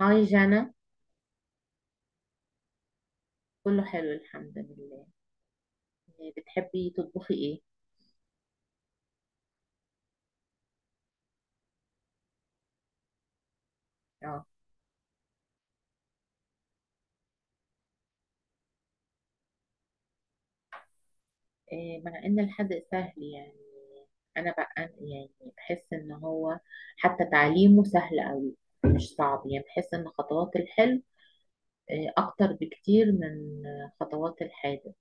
هاي جانا. كله حلو الحمد لله. إيه، بتحبي تطبخي ايه؟ اه. إيه، مع ان الحد سهل يعني. انا بقى يعني بحس ان هو حتى تعليمه سهل قوي. مش صعب يعني بحس ان خطوات الحلو إيه، اكتر بكتير من خطوات الحادق.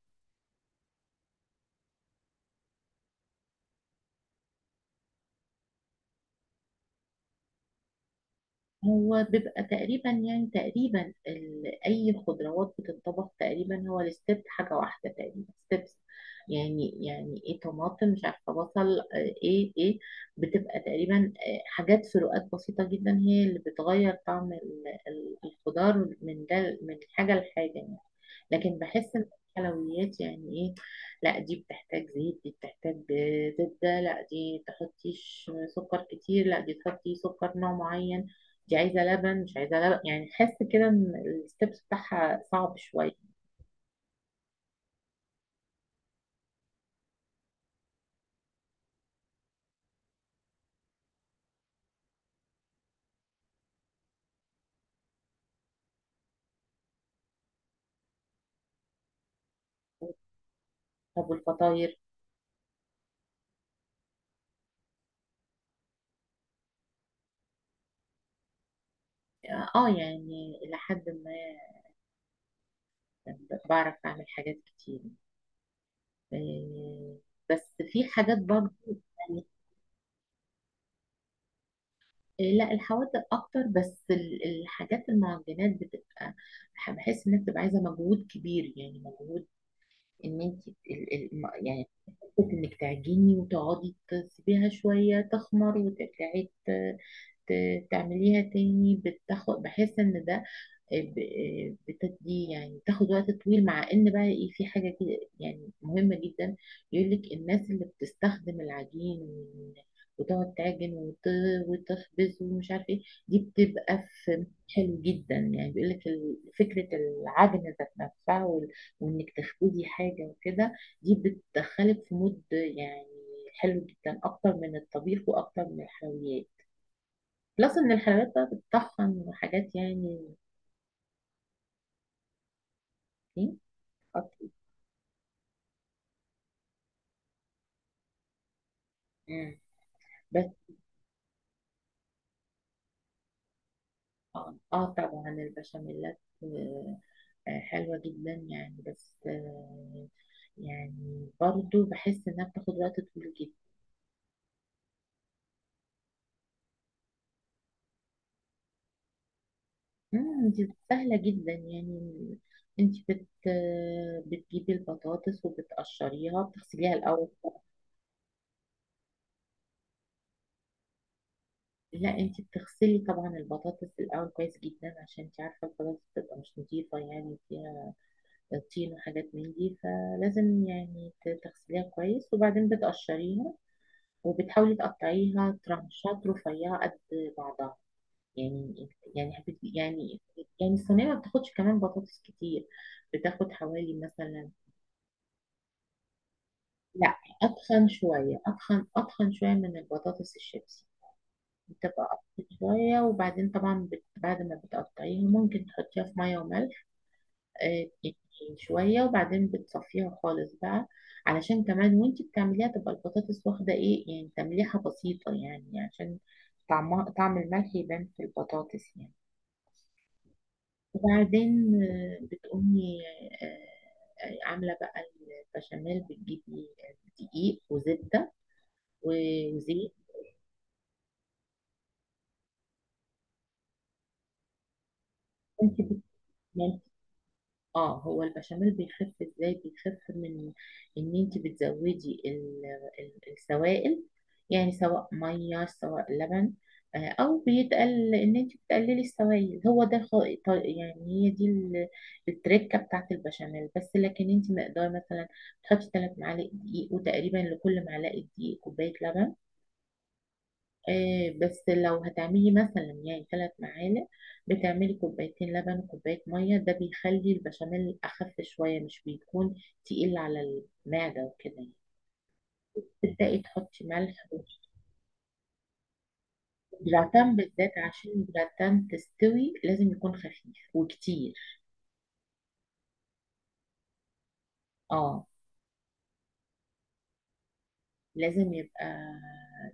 هو بيبقى تقريبا يعني تقريبا اي خضروات بتنطبخ تقريبا، هو الستيب حاجه واحده تقريبا ستيبس. يعني ايه طماطم مش عارفه بصل ايه. بتبقى تقريبا حاجات، فروقات بسيطه جدا هي اللي بتغير طعم الخضار من ده من حاجه لحاجه يعني. لكن بحس ان الحلويات يعني ايه، لا دي بتحتاج زيت، دي بتحتاج زبدة، لا دي تحطيش سكر كتير، لا دي تحطي سكر نوع معين، دي عايزة لبن مش عايزة لبن، يعني تحس كده ان الستبس بتاعها صعب شوية. طب والفطاير؟ اه يعني إلى حد ما، بعرف أعمل حاجات كتير، آه، بس في حاجات برضو يعني. لا الحوادق اكتر، بس الحاجات المعجنات بتبقى، بحس انها بتبقى عايزه مجهود كبير يعني مجهود، ان انت يعني، حته انك تعجني وتقعدي تسيبيها شويه تخمر وترجعي تعمليها تاني، بتاخد، بحس ان ده بتدي يعني تاخد وقت طويل، مع ان بقى ايه، في حاجة كده يعني مهمة جدا يقول لك الناس اللي بتستخدم العجين وتقعد تعجن وتخبز ومش عارف ايه، دي بتبقى في حلو جدا يعني. بيقول لك فكرة العجن ذات نفسها وانك تخبزي حاجة وكده دي بتدخلك في مود يعني حلو جدا اكتر من الطبيخ واكتر من الحلويات. بلس ان الحلويات بقى بتطحن حاجات يعني. إيه؟ مم. بس. اه، آه طبعا البشاميلات، حلوة جدا يعني، بس يعني برضو بحس انها بتاخد وقت طويل جدا. مم، دي سهلة جدا يعني، انت بت آه، بتجيبي البطاطس وبتقشريها بتغسليها الاول. لا انت بتغسلي طبعا البطاطس الاول كويس جدا عشان انت عارفة البطاطس بتبقى مش نظيفة، يعني فيها طين وحاجات من دي، فلازم يعني تغسليها كويس وبعدين بتقشريها وبتحاولي تقطعيها ترانشات رفيعة قد بعضها، يعني يعني حبيت يعني الصينية ما بتاخدش كمان بطاطس كتير، بتاخد حوالي مثلا. لا، أتخن شوية، أتخن أتخن شوية من البطاطس الشيبسي، بتبقى أتخن شوية، وبعدين طبعا بعد ما بتقطعيها ممكن تحطيها في مية وملح آه، شوية، وبعدين بتصفيها خالص بقى علشان كمان وانتي بتعمليها تبقى البطاطس واخدة ايه يعني تمليحة بسيطة، يعني عشان طعمها طعم الملح يبان في البطاطس يعني. وبعدين بتقومي آه، عاملة بقى البشاميل، بتجيبي دقيق وزبدة و- وزيت. انت اه، هو البشاميل بيخف ازاي؟ بيخف من ان انت بتزودي السوائل، يعني سواء ميه سواء لبن او بيتقل ان انت بتقللي السوائل، هو ده يعني هي دي التركه بتاعت البشاميل. بس لكن انت مقدار مثلا تحطي 3 معالق دقيق وتقريبا لكل معلقه دقيق كوبايه لبن. بس لو هتعملي مثلا يعني 3 معالق، بتعملي كوبايتين لبن وكوباية مية، ده بيخلي البشاميل أخف شوية، مش بيكون تقيل على المعدة وكده يعني. تبدأي تحطي ملح، والجراتان بالذات عشان الجراتان تستوي لازم يكون خفيف وكتير. اه، لازم يبقى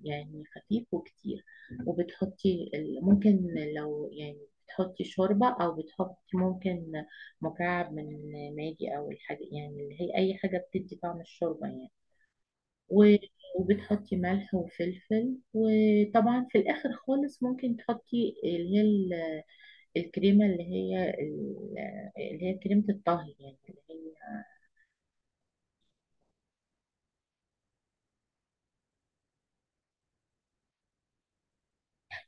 يعني خفيف وكتير، وبتحطي ممكن لو يعني بتحطي شوربة أو بتحطي ممكن مكعب من ماجي أو الحاجة، يعني اللي هي أي حاجة بتدي طعم الشوربة يعني و- وبتحطي ملح وفلفل. وطبعا في الآخر خالص ممكن تحطي اللي هي الكريمة، اللي هي كريمة الطهي يعني اللي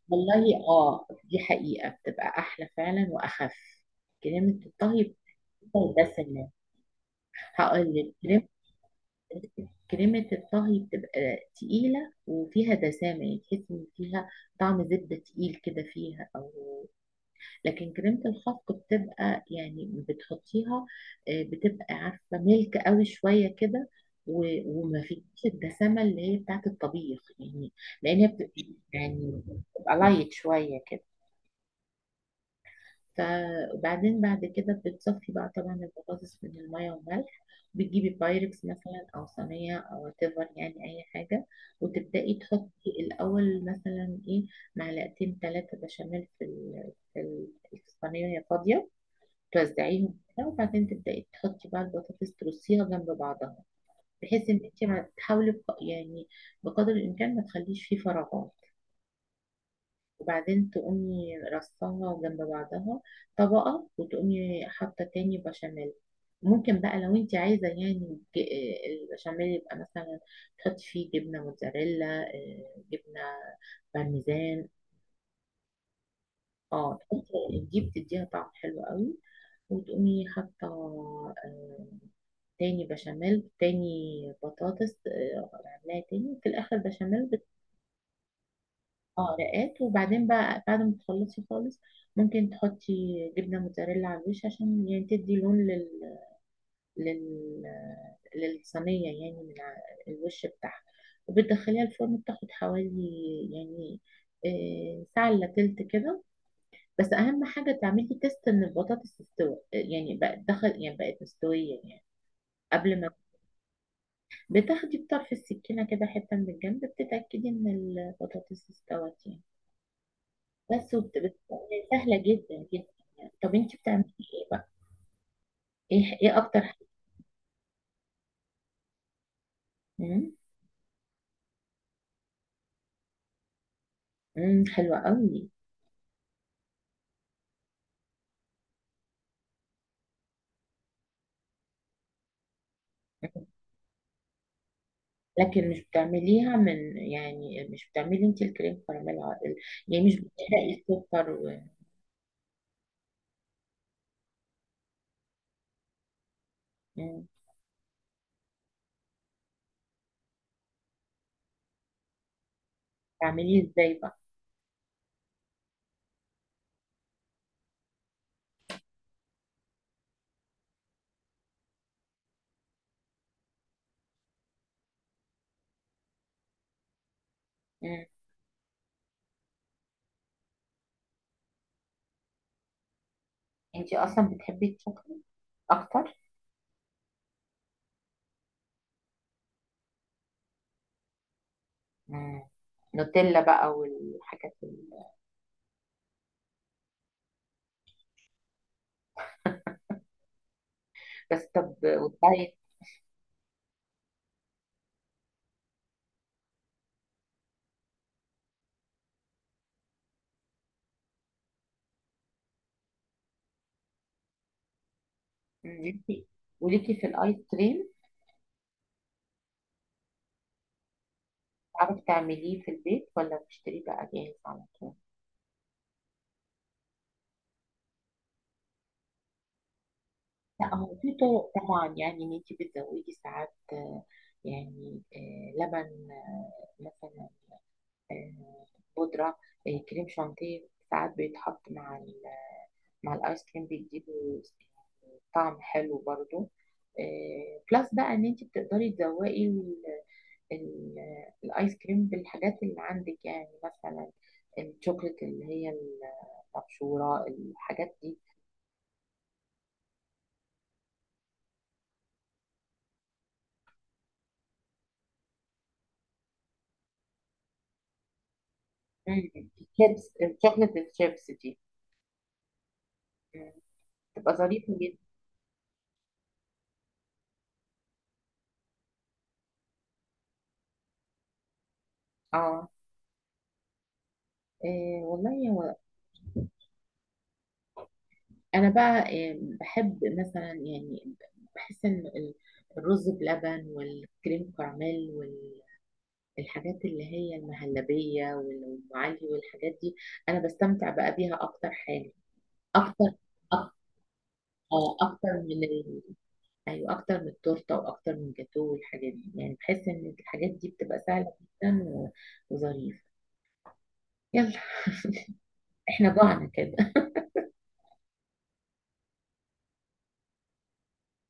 والله. اه، دي حقيقة بتبقى أحلى فعلا وأخف، كريمة الطهي بتبقى ده سنان. هقول لك، كريمة الطهي بتبقى تقيلة وفيها دسامة، يعني تحس إن فيها طعم زبدة تقيل كده فيها، أو لكن كريمة الخفق بتبقى يعني بتحطيها بتبقى عارفة ملك قوي شوية كده وما فيش الدسامة اللي هي بتاعت الطبيخ يعني، لأن هي يعني بتبقى لايت شوية كده. فبعدين بعد كده بتصفي بقى طبعا البطاطس من المية والملح، بتجيبي بايركس مثلا أو صينية أو تفر يعني أي حاجة، وتبدأي تحطي الأول مثلا إيه معلقتين ثلاثة بشاميل في الصينية وهي فاضية، توزعيهم كده، وبعدين تبدأي تحطي بقى البطاطس ترصيها جنب بعضها، بحيث إن أنت ما تحاولي يعني بقدر الإمكان ما تخليش فيه فراغات، وبعدين تقومي رصاها جنب بعضها طبقة، وتقومي حاطة تاني بشاميل. ممكن بقى لو انت عايزة يعني البشاميل يبقى مثلا تحطي فيه جبنة موتزاريلا، جبنة بارميزان. اه، تحطي دي بتديها طعم حلو قوي، وتقومي حاطة آه، تاني بشاميل، تاني بطاطس، عاملاها، تاني في الآخر بشاميل. اه، رقات، وبعدين بقى بعد ما تخلصي خالص ممكن تحطي جبنة موتزاريلا على الوش عشان يعني تدي لون لل... للصينية يعني من الوش بتاعها، وبتدخليها الفرن، بتاخد حوالي يعني ساعة إلا تلت كده. بس أهم حاجة تعملي تيست إن البطاطس تستوي، يعني بقت دخل يعني بقت مستوية يعني، قبل ما، بتاخدي بطرف السكينة كده حتة من الجنب بتتأكدي إن البطاطس استوت يعني. بس سهلة جدا جدا يعني. طب انت بتعملي ايه بقى؟ ايه اكتر حاجة؟ مم، مم، حلوة قوي. مم. لكن مش بتعمليها من، يعني مش بتعملي انت الكريم كراميل عادل؟ يعني مش بتحرقي السكر و... مم. بتعمليه ازاي بقى؟ مم. انت اصلا بتحبي الشوكولاتة اكتر؟ مم. نوتيلا بقى والحاجات ال... بس طب والدايت؟ مم. ليكي، وليكي في الايس كريم، تعرفي تعمليه في البيت ولا بتشتريه بقى جاهز على طول؟ لا، هو في طرق طبعا، يعني ان انت بتزودي ساعات، يعني لبن مثلا، آه، بودرة، كريم شانتيه ساعات بيتحط مع مع الايس كريم، بيديله طعم حلو برضو. بلس بقى ان انت بتقدري تزوقي الايس كريم بالحاجات اللي عندك، يعني مثلا الشوكليت اللي هي المبشورة، الحاجات دي. مم. الشيبس، الشوكليت الشيبس دي تبقى ظريفة جدا. اه، إيه والله هو. انا بقى إيه بحب مثلا، يعني بحس ان الرز بلبن والكريم كراميل والحاجات اللي هي المهلبية والأم علي والحاجات دي، انا بستمتع بقى بيها اكتر حاجة. اكتر، أك- اه، اكتر من ال... ايوه، اكتر من التورته واكتر من الجاتوه والحاجات دي، يعني بحس ان الحاجات دي بتبقى سهله جدا وظريفه. يلا. احنا جوعنا كده.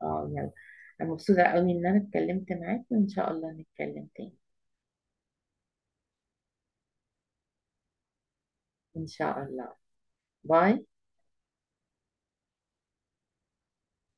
اه، يلا. أنا مبسوطة قوي إن أنا اتكلمت معاك، وإن شاء الله نتكلم تاني. إن شاء الله. باي.